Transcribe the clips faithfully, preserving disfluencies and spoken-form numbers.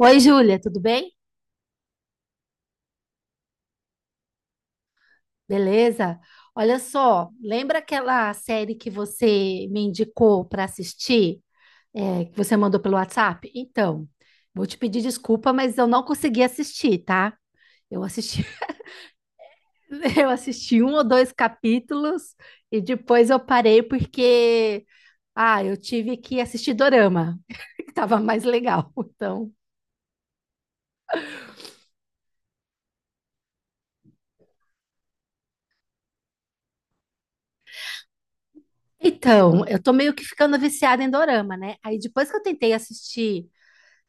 Oi, Júlia, tudo bem? Beleza? Olha só, lembra aquela série que você me indicou para assistir, é, que você mandou pelo WhatsApp? Então, vou te pedir desculpa, mas eu não consegui assistir, tá? Eu assisti, eu assisti um ou dois capítulos e depois eu parei porque, ah, eu tive que assistir Dorama, que tava mais legal, então. Então, eu tô meio que ficando viciada em Dorama, né? Aí depois que eu tentei assistir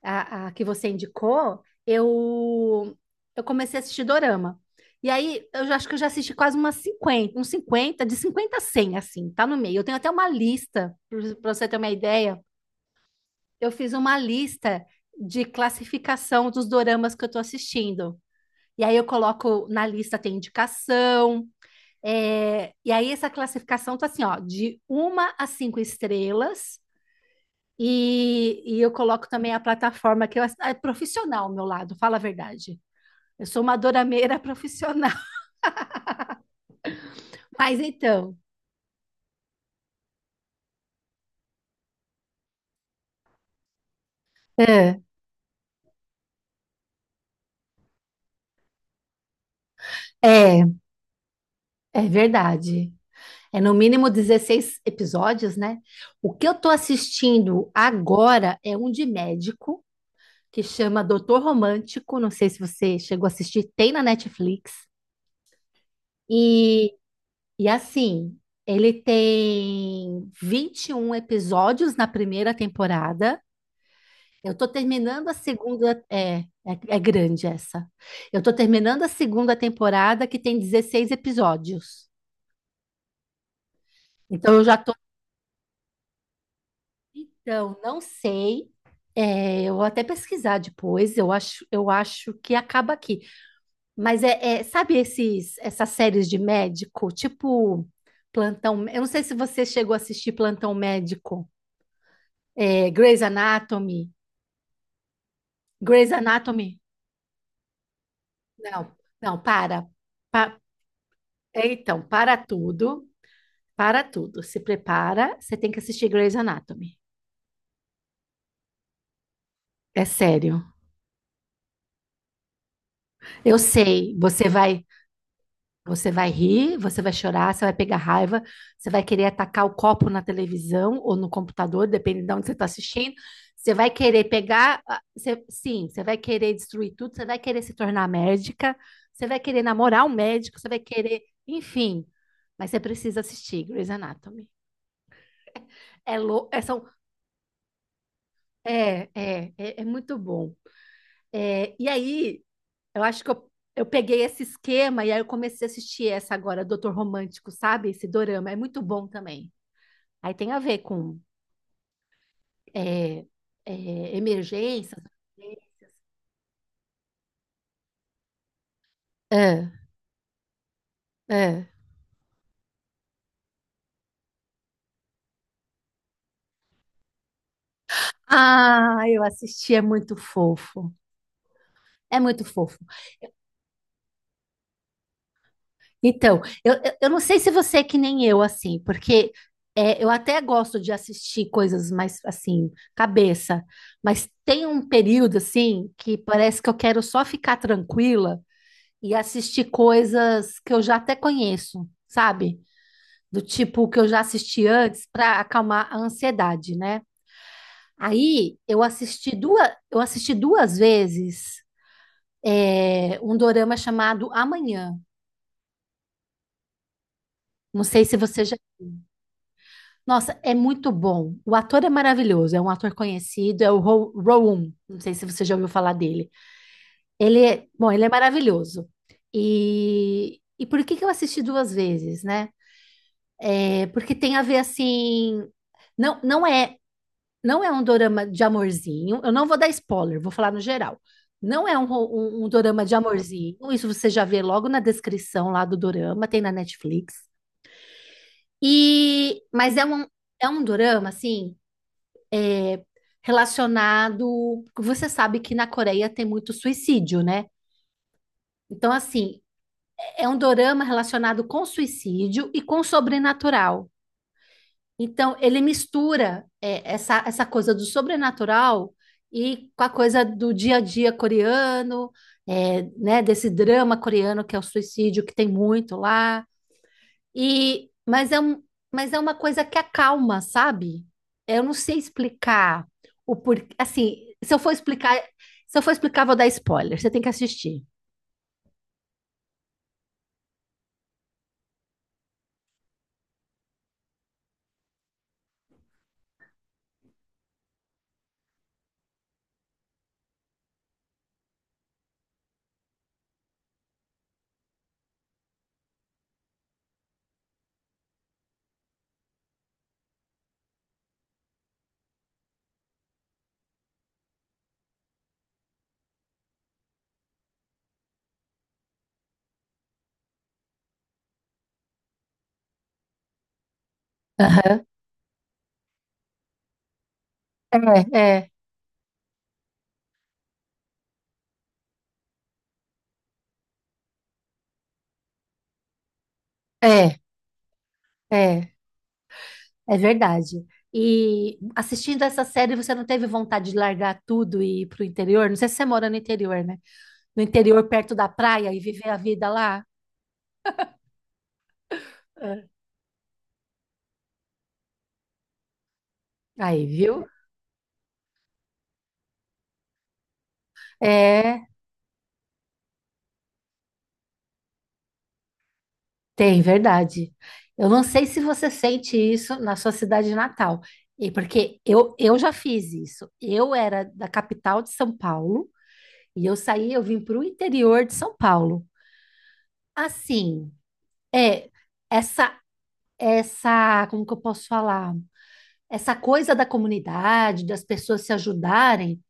a, a que você indicou, eu, eu comecei a assistir Dorama. E aí, eu já- acho que eu já assisti quase umas cinquenta, uns cinquenta de cinquenta a cem, assim, tá no meio. Eu tenho até uma lista, para você ter uma ideia. Eu fiz uma lista de classificação dos doramas que eu tô assistindo. E aí, eu coloco na lista, tem indicação. É, e aí, essa classificação tá assim, ó, de uma a cinco estrelas e, e eu coloco também a plataforma que eu, é profissional ao meu lado, fala a verdade. Eu sou uma dorameira profissional. Mas então, é, é, é verdade. É no mínimo dezesseis episódios, né? O que eu tô assistindo agora é um de médico que chama Doutor Romântico. Não sei se você chegou a assistir, tem na Netflix. E, e assim, Ele tem vinte e um episódios na primeira temporada. Eu tô terminando a segunda. É, é, é grande essa. Eu tô terminando a segunda temporada, que tem dezesseis episódios. Então eu já tô. Então, não sei. É, eu vou até pesquisar depois. Eu acho, eu acho que acaba aqui. Mas é, é, sabe esses, essas séries de médico, tipo Plantão. Eu não sei se você chegou a assistir Plantão Médico, é, Grey's Anatomy. Grey's Anatomy. Não, não, para. É, Então, para tudo. Para tudo, se prepara, você tem que assistir Grey's Anatomy. É sério. Eu sei, você vai, você vai rir, você vai chorar, você vai pegar raiva, você vai querer atacar o copo na televisão ou no computador, depende de onde você está assistindo. Você vai querer pegar, ah, você- sim, você vai querer destruir tudo, você vai querer se tornar médica, você vai querer namorar um médico, você vai querer, enfim. Mas você precisa assistir Grey's Anatomy. É, lou- é, são, é, é, é, é muito bom. É, e aí, Eu acho que eu, eu peguei esse esquema e aí eu comecei a assistir essa agora, Doutor Romântico, sabe? Esse dorama. É muito bom também. Aí tem a ver com é, é, emergências. Emergências. É, é. Ah, eu assisti, é muito fofo. É muito fofo. Então, eu, eu, eu não sei se você é que nem eu, assim, porque é, eu até gosto de assistir coisas mais, assim, cabeça, mas tem um período, assim, que parece que eu quero só ficar tranquila e assistir coisas que eu já até conheço, sabe? Do tipo que eu já assisti antes para acalmar a ansiedade, né? Aí eu assisti duas, eu assisti duas vezes é, um dorama chamado Amanhã. Não sei se você já. Nossa, é muito bom. O ator é maravilhoso, é um ator conhecido, é o Ro- Rowan. Não sei se você já ouviu falar dele. Ele é, bom, ele é maravilhoso. E, e por que que eu assisti duas vezes, né? É, porque tem a ver assim, não, não é, não é um dorama de amorzinho. Eu não vou dar spoiler, vou falar no geral. Não é um, ro- um, um dorama de amorzinho. Isso você já vê logo na descrição lá do dorama, tem na Netflix. E, mas é um, é um dorama assim relacionado. Você sabe que na Coreia tem muito suicídio, né? Então assim, é um dorama relacionado com suicídio e com sobrenatural. Então, ele mistura é, essa, essa coisa do sobrenatural e com a coisa do dia a dia coreano, é, né, desse drama coreano que é o suicídio, que tem muito lá. E, mas é um, mas é uma coisa que acalma, sabe? Eu não sei explicar o porquê. Assim, se eu for explicar, se eu for explicar, vou dar spoiler. Você tem que assistir. Aham. É, é, é, é. É verdade. E assistindo essa série, você não teve vontade de largar tudo e ir pro interior? Não sei se você mora no interior, né? No interior, perto da praia e viver a vida lá? É. Aí, viu? É, tem, verdade. Eu não sei se você sente isso na sua cidade natal. E porque eu, eu já fiz isso. Eu era da capital de São Paulo e eu saí, eu vim pro interior de São Paulo. Assim, é essa essa, como que eu posso falar? Essa coisa da comunidade, das pessoas se ajudarem,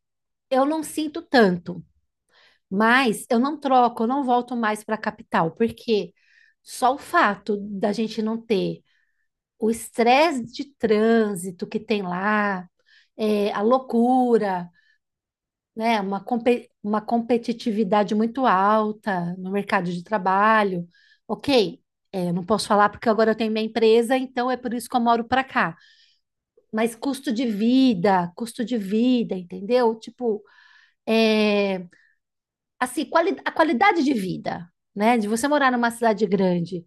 eu não sinto tanto. Mas eu não troco, eu não volto mais para a capital, porque só o fato da gente não ter o estresse de trânsito que tem lá, é, a loucura, né, uma, compe- uma competitividade muito alta no mercado de trabalho. Ok, é, eu não posso falar porque agora eu tenho minha empresa, então é por isso que eu moro para cá. Mas custo de vida, custo de vida, entendeu? Tipo, é, assim, quali- a qualidade de vida, né? De você morar numa cidade grande.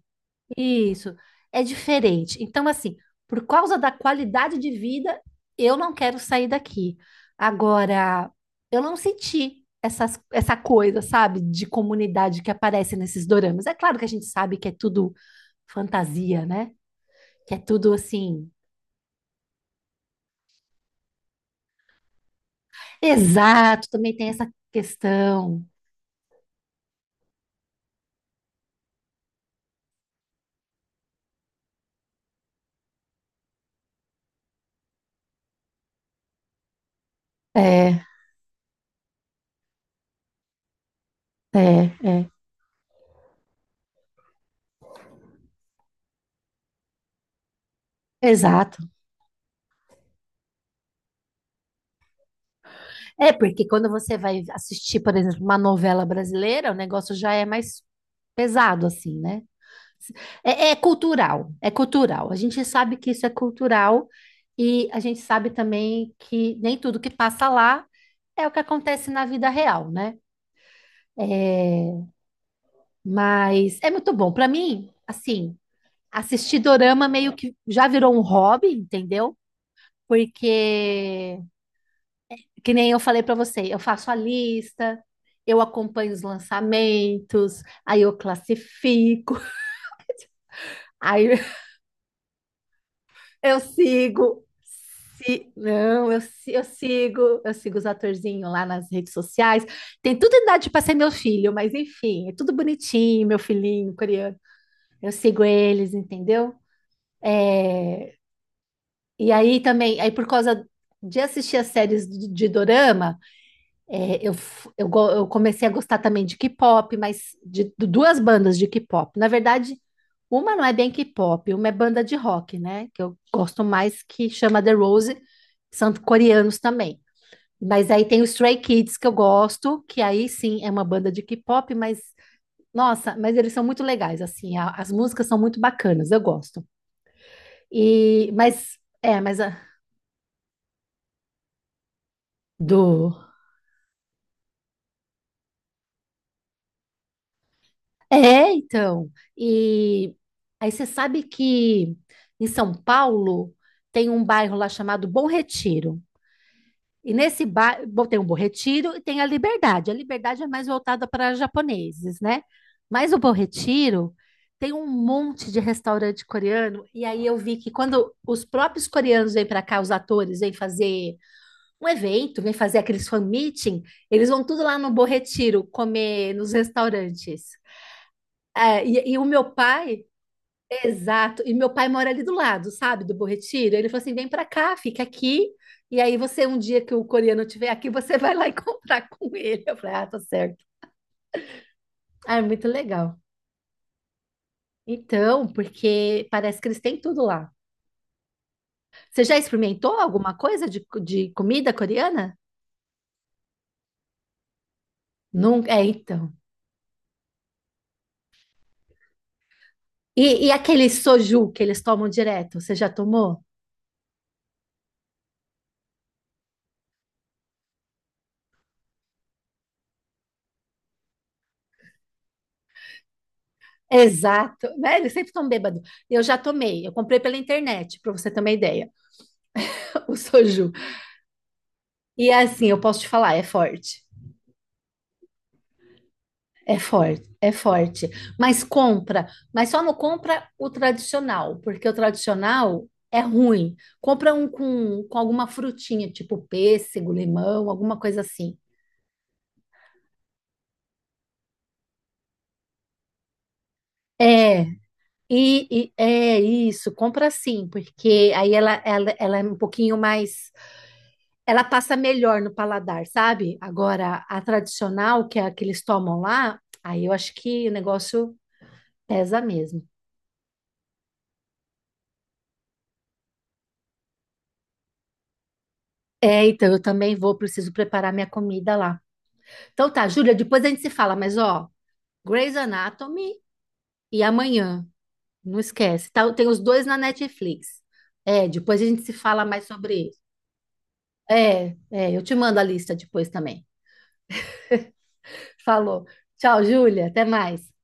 Isso, é diferente. Então, assim, por causa da qualidade de vida, eu não quero sair daqui. Agora, eu não senti essas, essa coisa, sabe, de comunidade que aparece nesses doramas. É claro que a gente sabe que é tudo fantasia, né? Que é tudo assim. Exato, também tem essa questão. É, é, é. Exato. É, porque quando você vai assistir, por exemplo, uma novela brasileira, o negócio já é mais pesado, assim, né? É, é cultural, é cultural. A gente sabe que isso é cultural e a gente sabe também que nem tudo que passa lá é o que acontece na vida real, né? É, mas é muito bom. Para mim, assim, assistir dorama meio que já virou um hobby, entendeu? Porque que nem eu falei para você, eu faço a lista, eu acompanho os lançamentos, aí eu classifico, aí eu sigo. Se- Não, eu, si- eu sigo, eu sigo os atorzinhos lá nas redes sociais. Tem tudo idade para ser meu filho, mas enfim, é tudo bonitinho, meu filhinho coreano. Eu sigo eles, entendeu? E aí também, aí por causa de assistir as séries de de dorama, É, eu, f- eu, go- eu comecei a gostar também de K-pop, mas de, de duas bandas de K-pop. Na verdade, uma não é bem K-pop, uma é banda de rock, né? Que eu gosto mais, que chama The Rose, são coreanos também. Mas aí tem o Stray Kids que eu gosto, que aí sim é uma banda de K-pop, mas nossa, mas eles são muito legais, assim, a- as músicas são muito bacanas, eu gosto. E mas é, mas a- do É, então. E aí você sabe que em São Paulo tem um bairro lá chamado Bom Retiro. E nesse bairro tem o Bom Retiro e tem a Liberdade. A Liberdade é mais voltada para japoneses, né? Mas o Bom Retiro tem um monte de restaurante coreano. E aí eu vi que quando os próprios coreanos vêm para cá, os atores vêm fazer um evento, vêm fazer aqueles fan meeting, eles vão tudo lá no Bom Retiro comer nos restaurantes. É, e, e o meu pai, exato, e meu pai mora ali do lado, sabe, do Bom Retiro. Ele falou assim: vem pra cá, fica aqui. E aí você, um dia que o coreano estiver aqui, você vai lá e comprar com ele. Eu falei: ah, tá certo. Ah, é muito legal. Então, porque parece que eles têm tudo lá. Você já experimentou alguma coisa de, de comida coreana? Nunca. É, então. E, e aquele soju que eles tomam direto, você já tomou? Exato, né? Eles sempre estão bêbados. Eu já tomei, eu comprei pela internet, para você ter uma ideia. O soju. E é assim, eu posso te falar, é forte. É forte, é forte. Mas compra, mas só não compra o tradicional, porque o tradicional é ruim. Compra um com, com alguma frutinha, tipo pêssego, limão, alguma coisa assim. É, e, e- é isso, compra sim, porque aí ela, ela, ela é um pouquinho mais. Ela passa melhor no paladar, sabe? Agora, a tradicional, que é a que eles tomam lá, aí eu acho que o negócio pesa mesmo. É, então eu também vou, preciso preparar minha comida lá. Então tá, Júlia, depois a gente se fala, mas ó, Grey's Anatomy e amanhã, não esquece, tá? Tem os dois na Netflix. É, depois a gente se fala mais sobre isso. É, é, eu te mando a lista depois também. Falou. Tchau, Júlia, até mais.